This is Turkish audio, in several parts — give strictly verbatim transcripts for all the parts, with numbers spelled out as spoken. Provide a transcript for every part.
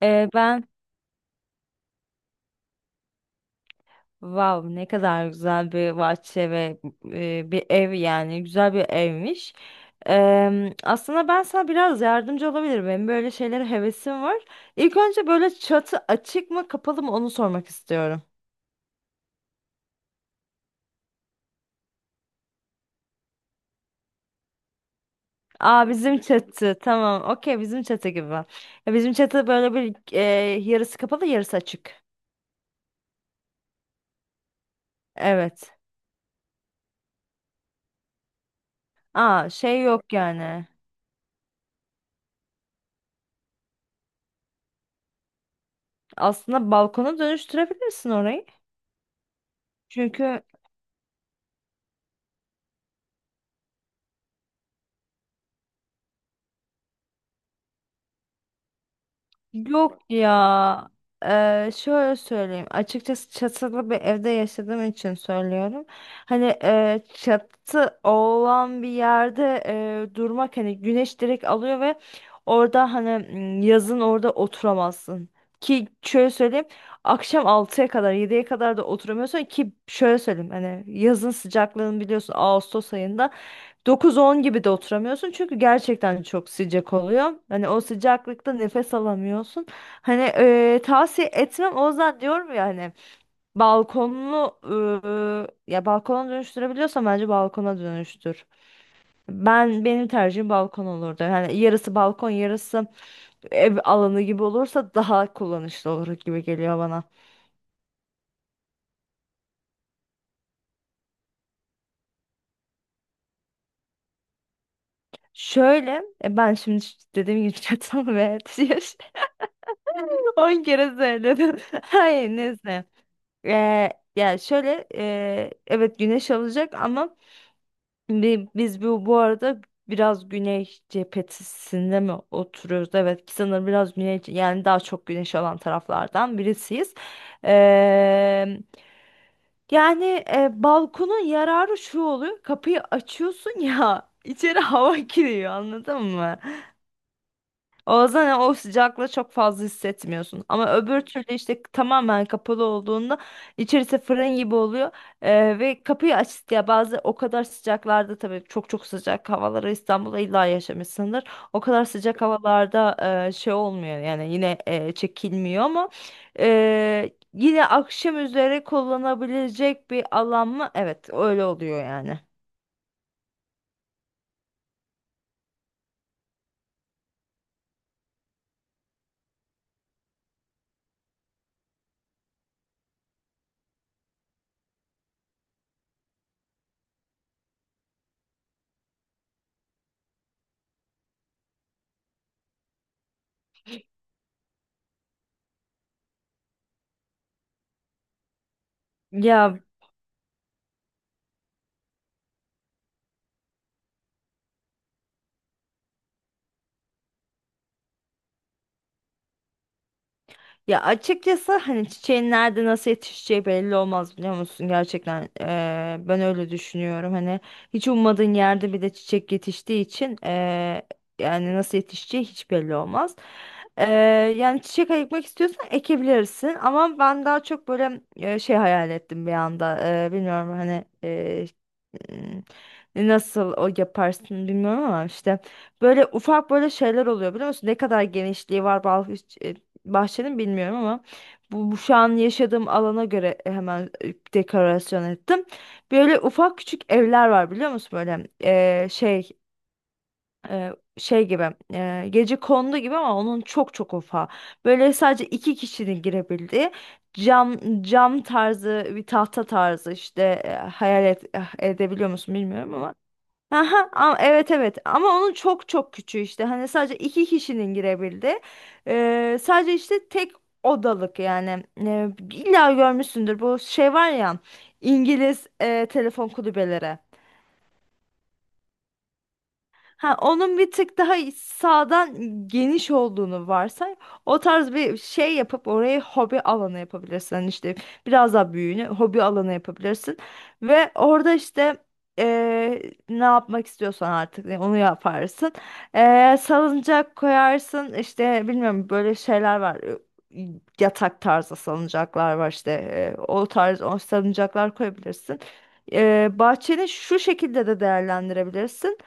Ee, ben Wow, ne kadar güzel bir bahçe ve e, bir ev, yani güzel bir evmiş. Em, aslında ben sana biraz yardımcı olabilirim. Benim böyle şeylere hevesim var. İlk önce böyle çatı açık mı kapalı mı onu sormak istiyorum. Aa, bizim çatı tamam, okey, bizim çatı gibi. Ya, bizim çatı böyle bir e, yarısı kapalı, yarısı açık. Evet. Aa, şey yok yani. Aslında balkona dönüştürebilirsin orayı. Çünkü Yok ya. Eee, şöyle söyleyeyim. Açıkçası çatılı bir evde yaşadığım için söylüyorum. Hani eee, çatı olan bir yerde eee, durmak, hani güneş direkt alıyor ve orada hani, m, yazın orada oturamazsın. Ki şöyle söyleyeyim. Akşam altıya kadar, yediye kadar da oturamıyorsun, ki şöyle söyleyeyim, hani yazın sıcaklığını biliyorsun, Ağustos ayında dokuz on gibi de oturamıyorsun çünkü gerçekten çok sıcak oluyor. Hani o sıcaklıkta nefes alamıyorsun. Hani eee, tavsiye etmem. O yüzden diyorum ya hani balkonlu, eee, ya balkona dönüştürebiliyorsan bence balkona dönüştür. Ben, benim tercihim balkon olurdu. Yani yarısı balkon, yarısı ev alanı gibi olursa daha kullanışlı olur gibi geliyor bana. Şöyle, e, ben şimdi dediğim gibi çatal ve on kere söyledim. Hayır, neyse. Eee yani şöyle, eee, evet güneş alacak ama bi- biz bu, bu arada biraz güney cephesinde mi oturuyoruz? Evet, sanırım biraz güney, yani daha çok güneş alan taraflardan birisiyiz. Eee, yani e, balkonun yararı şu oluyor, kapıyı açıyorsun ya, içeri hava giriyor, anladın mı? O zaman o sıcaklığı çok fazla hissetmiyorsun. Ama öbür türlü, işte tamamen kapalı olduğunda içerisi fırın gibi oluyor. Ee, ve kapıyı aç ya, bazı o kadar sıcaklarda, tabii çok çok sıcak havalara İstanbul'da illa yaşamışsındır. O kadar sıcak havalarda e, şey olmuyor yani, yine e, çekilmiyor ama e, yine akşam üzere kullanabilecek bir alan mı? Evet, öyle oluyor yani. Ya Ya açıkçası, hani çiçeğin nerede nasıl yetişeceği belli olmaz, biliyor musun, gerçekten eee, ben öyle düşünüyorum, hani hiç ummadığın yerde bir de çiçek yetiştiği için, eee, yani nasıl yetişeceği hiç belli olmaz. Eee, yani çiçek ekmek istiyorsan ekebilirsin ama ben daha çok böyle eee, şey hayal ettim bir anda. Eee, bilmiyorum hani. Hmm, Nasıl o yaparsın bilmiyorum ama işte böyle ufak böyle şeyler oluyor, biliyor musun? Ne kadar genişliği var bah- e, bahçenin, bilmiyorum ama bu, bu şu an yaşadığım alana göre hemen e, dekorasyon ettim. Böyle ufak küçük evler var, biliyor musun? Böyle e, şey, e, şey gibi, e, gece kondu gibi ama onun çok çok ufağı. Böyle sadece iki kişinin girebildiği cam, cam tarzı, bir tahta tarzı, işte e, hayal et, eh, edebiliyor musun bilmiyorum ama. Aha, a- evet, evet, ama onun çok çok küçüğü, işte hani sadece iki kişinin girebildiği, e, sadece işte tek odalık, yani e, illa görmüşsündür, bu şey var ya, İngiliz e, telefon kulübeleri. Ha, onun bir tık daha sağdan geniş olduğunu varsay. O tarz bir şey yapıp orayı hobi alanı yapabilirsin. Hani işte biraz daha büyüğünü hobi alanı yapabilirsin. Ve orada işte, eee, ne yapmak istiyorsan artık yani onu yaparsın. Eee, salıncak koyarsın. İşte bilmiyorum, böyle şeyler var. Ee, Yatak tarzı salıncaklar var işte. Ee, o tarz, o salıncaklar koyabilirsin. Eee bahçeni şu şekilde de değerlendirebilirsin.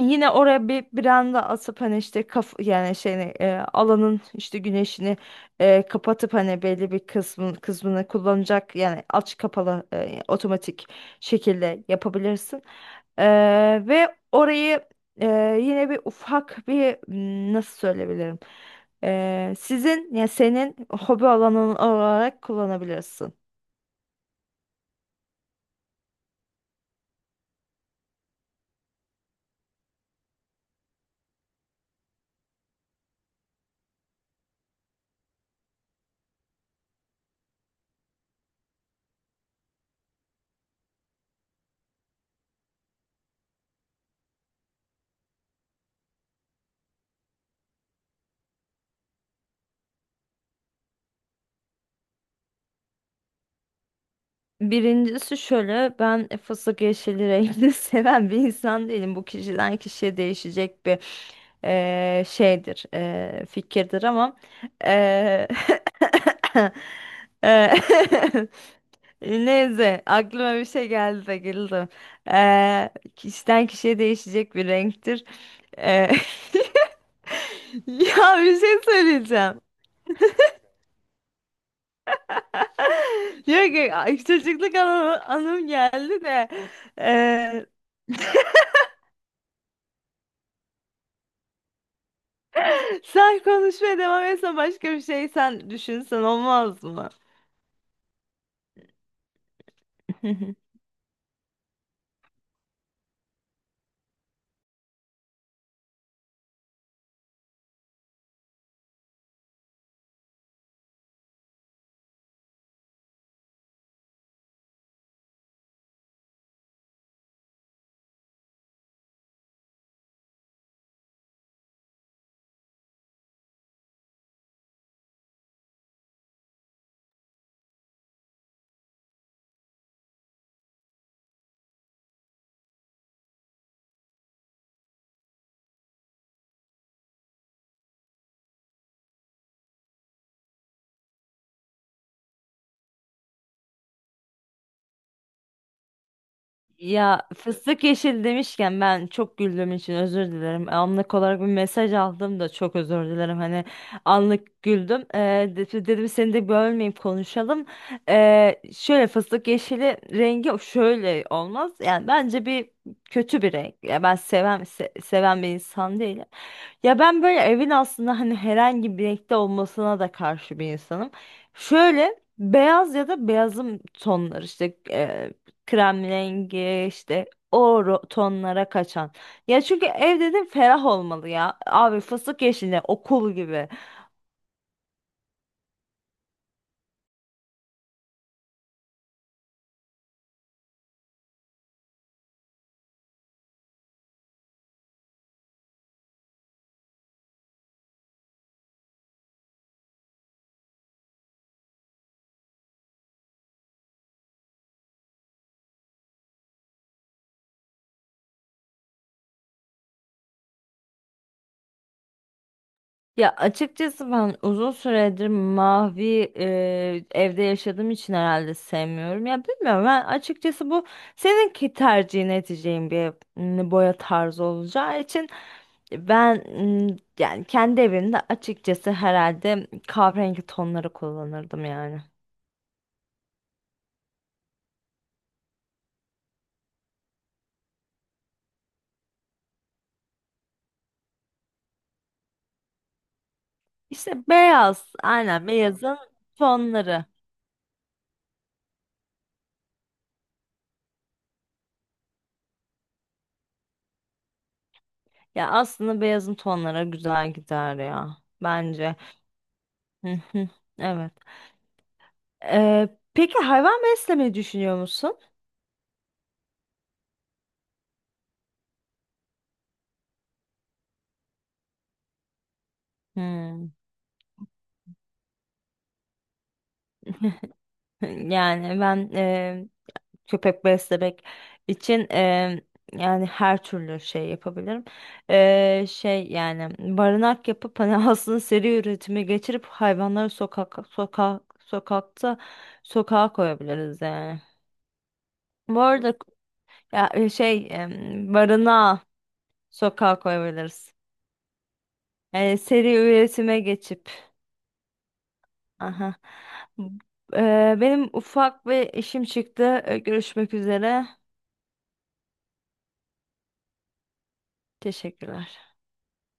Yine oraya bir branda asıp, hani işte kaf, yani şeyini, e, alanın işte güneşini e, kapatıp, hani belli bir kısmını kısmını kullanacak, yani aç kapalı, e, otomatik şekilde yapabilirsin. E, ve orayı e, yine bir ufak bir, m, nasıl söyleyebilirim? E, sizin, ya senin hobi alanın olarak kullanabilirsin. Birincisi şöyle, ben fıstık yeşili rengini seven bir insan değilim. Bu kişiden kişiye değişecek bir eee, şeydir, eee, fikirdir ama eee, eee, neyse, aklıma bir şey geldi de güldüm. Eee, kişiden kişiye değişecek bir renktir. Eee, ya, bir şey söyleyeceğim. Diyor ki, "Ay, çocukluk anı- anım geldi de eee, sen konuşmaya devam etsen, başka bir şey sen düşünsen olmaz mı?" Ya fıstık yeşil demişken ben çok güldüğüm için özür dilerim. Anlık olarak bir mesaj aldım da çok özür dilerim. Hani anlık güldüm. Ee, de- dedim seni de bölmeyip konuşalım. Ee, şöyle, fıstık yeşili rengi şöyle olmaz. Yani bence bir kötü bir renk. Ya ben seven, se- seven bir insan değilim. Ya ben böyle evin aslında hani herhangi bir renkte olmasına da karşı bir insanım. Şöyle beyaz ya da beyazım tonlar, işte e, krem rengi, işte o ro- tonlara kaçan. Ya çünkü ev dedim, ferah olmalı ya. Abi fıstık yeşili okul gibi. Ya açıkçası ben uzun süredir mavi e, evde yaşadığım için herhalde sevmiyorum. Ya bilmiyorum, ben açıkçası bu seninki tercihin edeceğin bir, m, boya tarzı olacağı için ben, m, yani kendi evimde açıkçası herhalde kahverengi tonları kullanırdım yani. İşte beyaz, aynen beyazın tonları. Ya aslında beyazın tonları güzel gider ya, bence. Hı hı. Evet. Ee, peki, hayvan beslemeyi düşünüyor musun? Hmm. Yani ben, e, köpek beslemek için, e, yani her türlü şey yapabilirim. E, şey yani barınak yapıp hani aslında seri üretime geçirip hayvanları sokak sokak sokakta sokağa koyabiliriz yani. Bu arada ya, e, şey, e, barınağa, sokağa koyabiliriz. Yani seri üretime geçip. Aha. Eee, benim ufak bir işim çıktı. Eee, Görüşmek üzere. Teşekkürler.